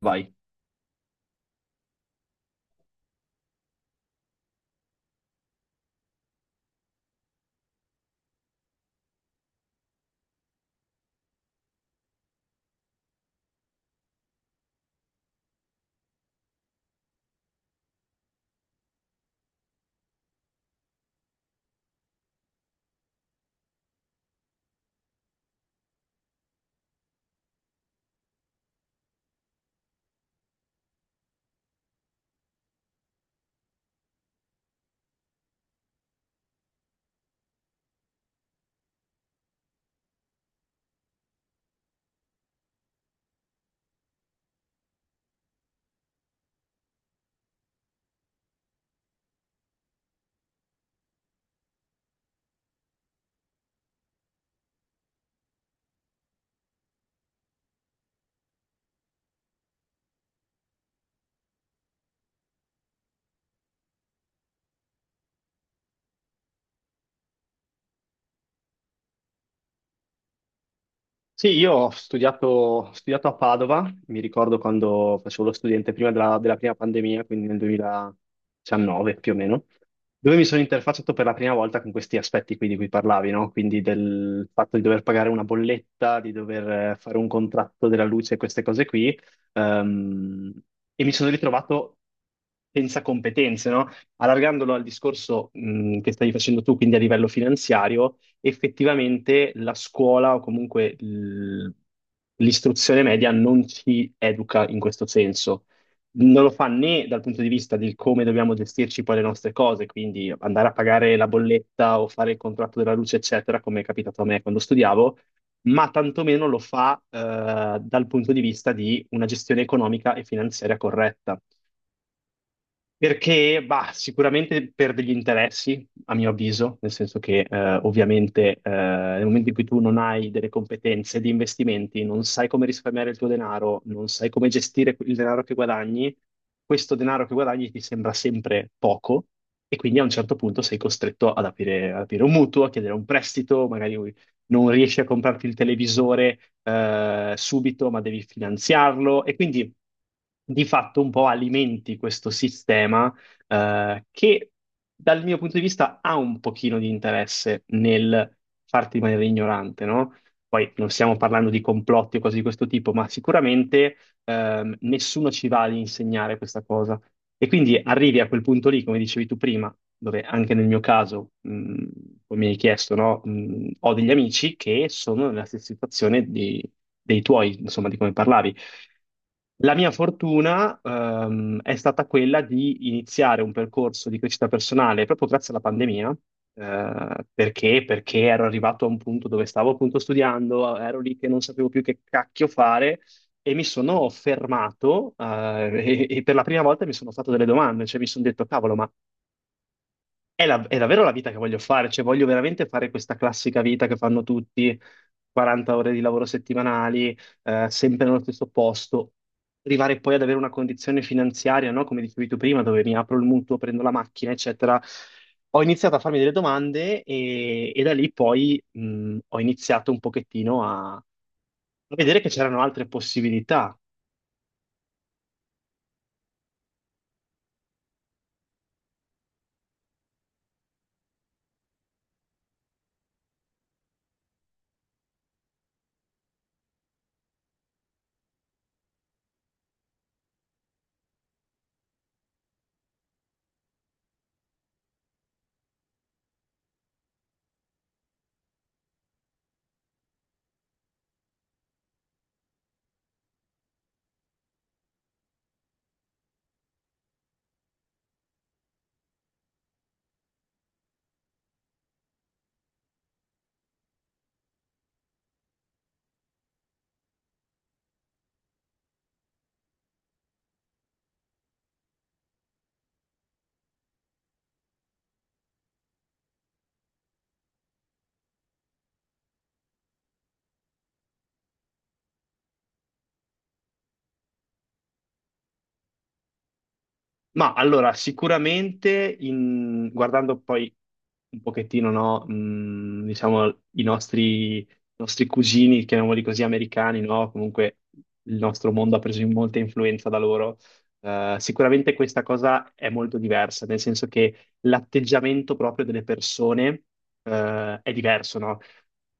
Vai. Sì, io ho studiato a Padova, mi ricordo quando facevo lo studente prima della prima pandemia, quindi nel 2019 più o meno, dove mi sono interfacciato per la prima volta con questi aspetti qui di cui parlavi, no? Quindi del fatto di dover pagare una bolletta, di dover fare un contratto della luce, queste cose qui, ehm, e mi sono ritrovato senza competenze, no? Allargandolo al discorso, che stavi facendo tu, quindi a livello finanziario. Effettivamente la scuola o comunque l'istruzione media non ci educa in questo senso. Non lo fa né dal punto di vista del come dobbiamo gestirci poi le nostre cose, quindi andare a pagare la bolletta o fare il contratto della luce, eccetera, come è capitato a me quando studiavo, ma tantomeno lo fa dal punto di vista di una gestione economica e finanziaria corretta. Perché, bah, sicuramente per degli interessi, a mio avviso, nel senso che ovviamente nel momento in cui tu non hai delle competenze di investimenti, non sai come risparmiare il tuo denaro, non sai come gestire il denaro che guadagni, questo denaro che guadagni ti sembra sempre poco e quindi a un certo punto sei costretto ad aprire un mutuo, a chiedere un prestito, magari non riesci a comprarti il televisore subito, ma devi finanziarlo e quindi di fatto un po' alimenti questo sistema che dal mio punto di vista ha un pochino di interesse nel farti rimanere ignorante, no? Poi non stiamo parlando di complotti o cose di questo tipo, ma sicuramente nessuno ci va ad insegnare questa cosa. E quindi arrivi a quel punto lì, come dicevi tu prima, dove anche nel mio caso, come mi hai chiesto, no? Ho degli amici che sono nella stessa situazione dei tuoi, insomma, di come parlavi. La mia fortuna, è stata quella di iniziare un percorso di crescita personale proprio grazie alla pandemia, perché? Perché ero arrivato a un punto dove stavo appunto studiando, ero lì che non sapevo più che cacchio fare e mi sono fermato, e per la prima volta mi sono fatto delle domande, cioè mi sono detto, cavolo, ma è davvero la vita che voglio fare, cioè voglio veramente fare questa classica vita che fanno tutti, 40 ore di lavoro settimanali, sempre nello stesso posto, arrivare poi ad avere una condizione finanziaria, no? Come dicevi tu prima, dove mi apro il mutuo, prendo la macchina, eccetera. Ho iniziato a farmi delle domande e da lì poi ho iniziato un pochettino a vedere che c'erano altre possibilità. Ma allora, sicuramente guardando poi un pochettino, no, diciamo, i nostri cugini, chiamiamoli così, americani, no? Comunque il nostro mondo ha preso in molta influenza da loro. Sicuramente questa cosa è molto diversa, nel senso che l'atteggiamento proprio delle persone, è diverso, no?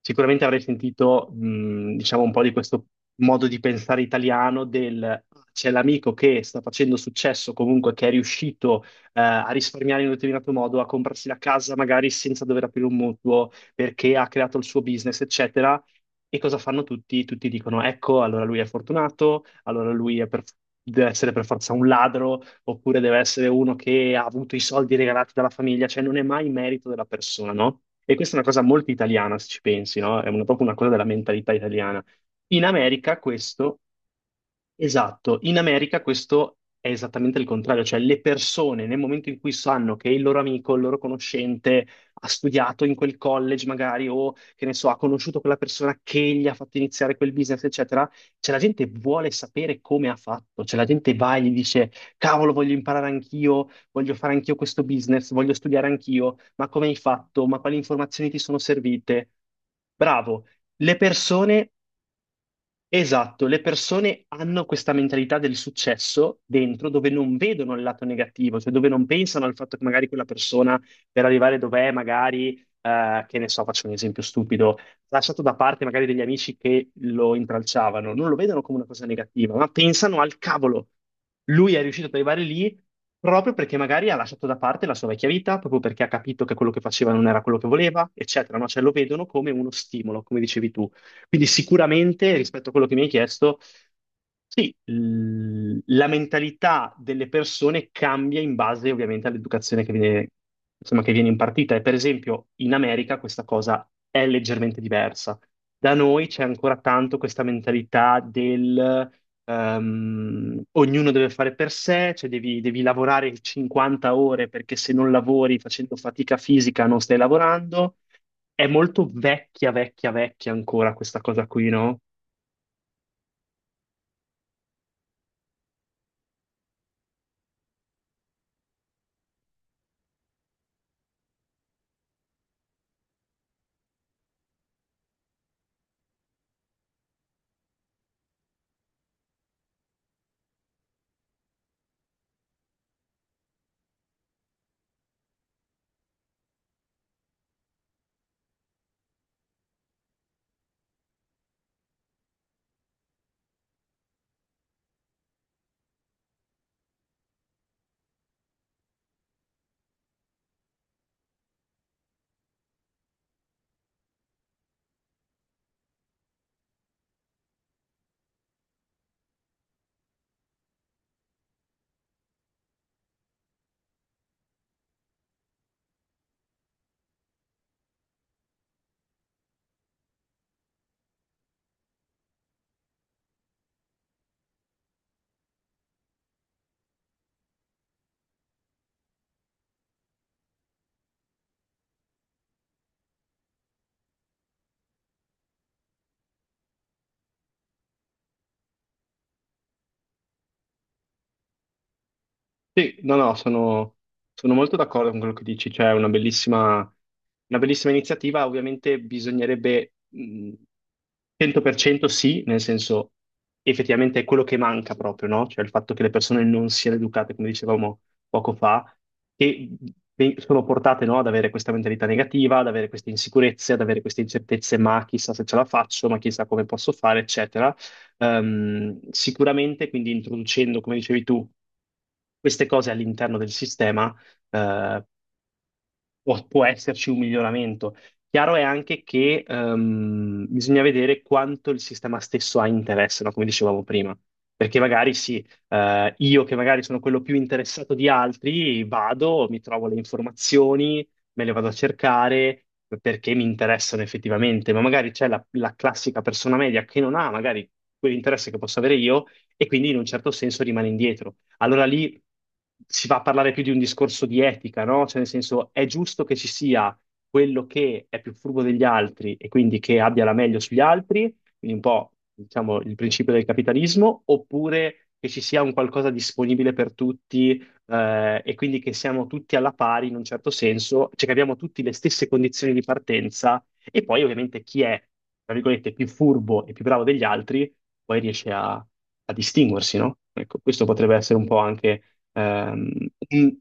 Sicuramente avrei sentito, diciamo, un po' di questo modo di pensare italiano del "Ah, c'è l'amico che sta facendo successo comunque, che è riuscito, a risparmiare in un determinato modo, a comprarsi la casa magari senza dover aprire un mutuo perché ha creato il suo business, eccetera. E cosa fanno tutti? Tutti dicono, ecco, allora lui è fortunato, allora deve essere per forza un ladro, oppure deve essere uno che ha avuto i soldi regalati dalla famiglia, cioè non è mai merito della persona, no? E questa è una cosa molto italiana, se ci pensi, no? È proprio una cosa della mentalità italiana. In America questo Esatto, in America questo è esattamente il contrario, cioè le persone nel momento in cui sanno che il loro amico, il loro conoscente ha studiato in quel college magari o che ne so, ha conosciuto quella persona che gli ha fatto iniziare quel business, eccetera, cioè la gente vuole sapere come ha fatto, cioè la gente va e gli dice cavolo, voglio imparare anch'io, voglio fare anch'io questo business, voglio studiare anch'io, ma come hai fatto? Ma quali informazioni ti sono servite? Bravo. Le persone Esatto, le persone hanno questa mentalità del successo dentro dove non vedono il lato negativo, cioè dove non pensano al fatto che magari quella persona per arrivare dov'è, magari, che ne so, faccio un esempio stupido, ha lasciato da parte magari degli amici che lo intralciavano, non lo vedono come una cosa negativa, ma pensano al cavolo, lui è riuscito ad arrivare lì proprio perché magari ha lasciato da parte la sua vecchia vita, proprio perché ha capito che quello che faceva non era quello che voleva, eccetera, no? Cioè lo vedono come uno stimolo, come dicevi tu. Quindi sicuramente rispetto a quello che mi hai chiesto, sì, la mentalità delle persone cambia in base ovviamente all'educazione che viene, insomma, che viene impartita. E per esempio in America questa cosa è leggermente diversa. Da noi c'è ancora tanto questa mentalità del ognuno deve fare per sé, cioè devi lavorare 50 ore perché se non lavori facendo fatica fisica non stai lavorando. È molto vecchia, vecchia, vecchia ancora questa cosa qui, no? Sì, no, no, sono, sono molto d'accordo con quello che dici, cioè è una bellissima iniziativa, ovviamente bisognerebbe 100% sì, nel senso effettivamente è quello che manca proprio, no? Cioè il fatto che le persone non siano educate, come dicevamo poco fa, che mhmm, sono portate, no, ad avere questa mentalità negativa, ad avere queste insicurezze, ad avere queste incertezze, ma chissà se ce la faccio, ma chissà come posso fare, eccetera. Sicuramente, quindi introducendo, come dicevi tu, queste cose all'interno del sistema, eh, può esserci un miglioramento. Chiaro è anche che bisogna vedere quanto il sistema stesso ha interesse, no? Come dicevamo prima. Perché magari sì, io che magari sono quello più interessato di altri, vado, mi trovo le informazioni, me le vado a cercare perché mi interessano effettivamente, ma magari c'è la classica persona media che non ha magari quell'interesse che posso avere io e quindi in un certo senso rimane indietro, allora lì si va a parlare più di un discorso di etica, no? Cioè, nel senso, è giusto che ci sia quello che è più furbo degli altri e quindi che abbia la meglio sugli altri, quindi un po', diciamo, il principio del capitalismo, oppure che ci sia un qualcosa disponibile per tutti, e quindi che siamo tutti alla pari in un certo senso, cioè che abbiamo tutti le stesse condizioni di partenza e poi ovviamente chi è, tra virgolette, più furbo e più bravo degli altri poi riesce a distinguersi, no? Ecco, questo potrebbe essere un po' anche ehm, un-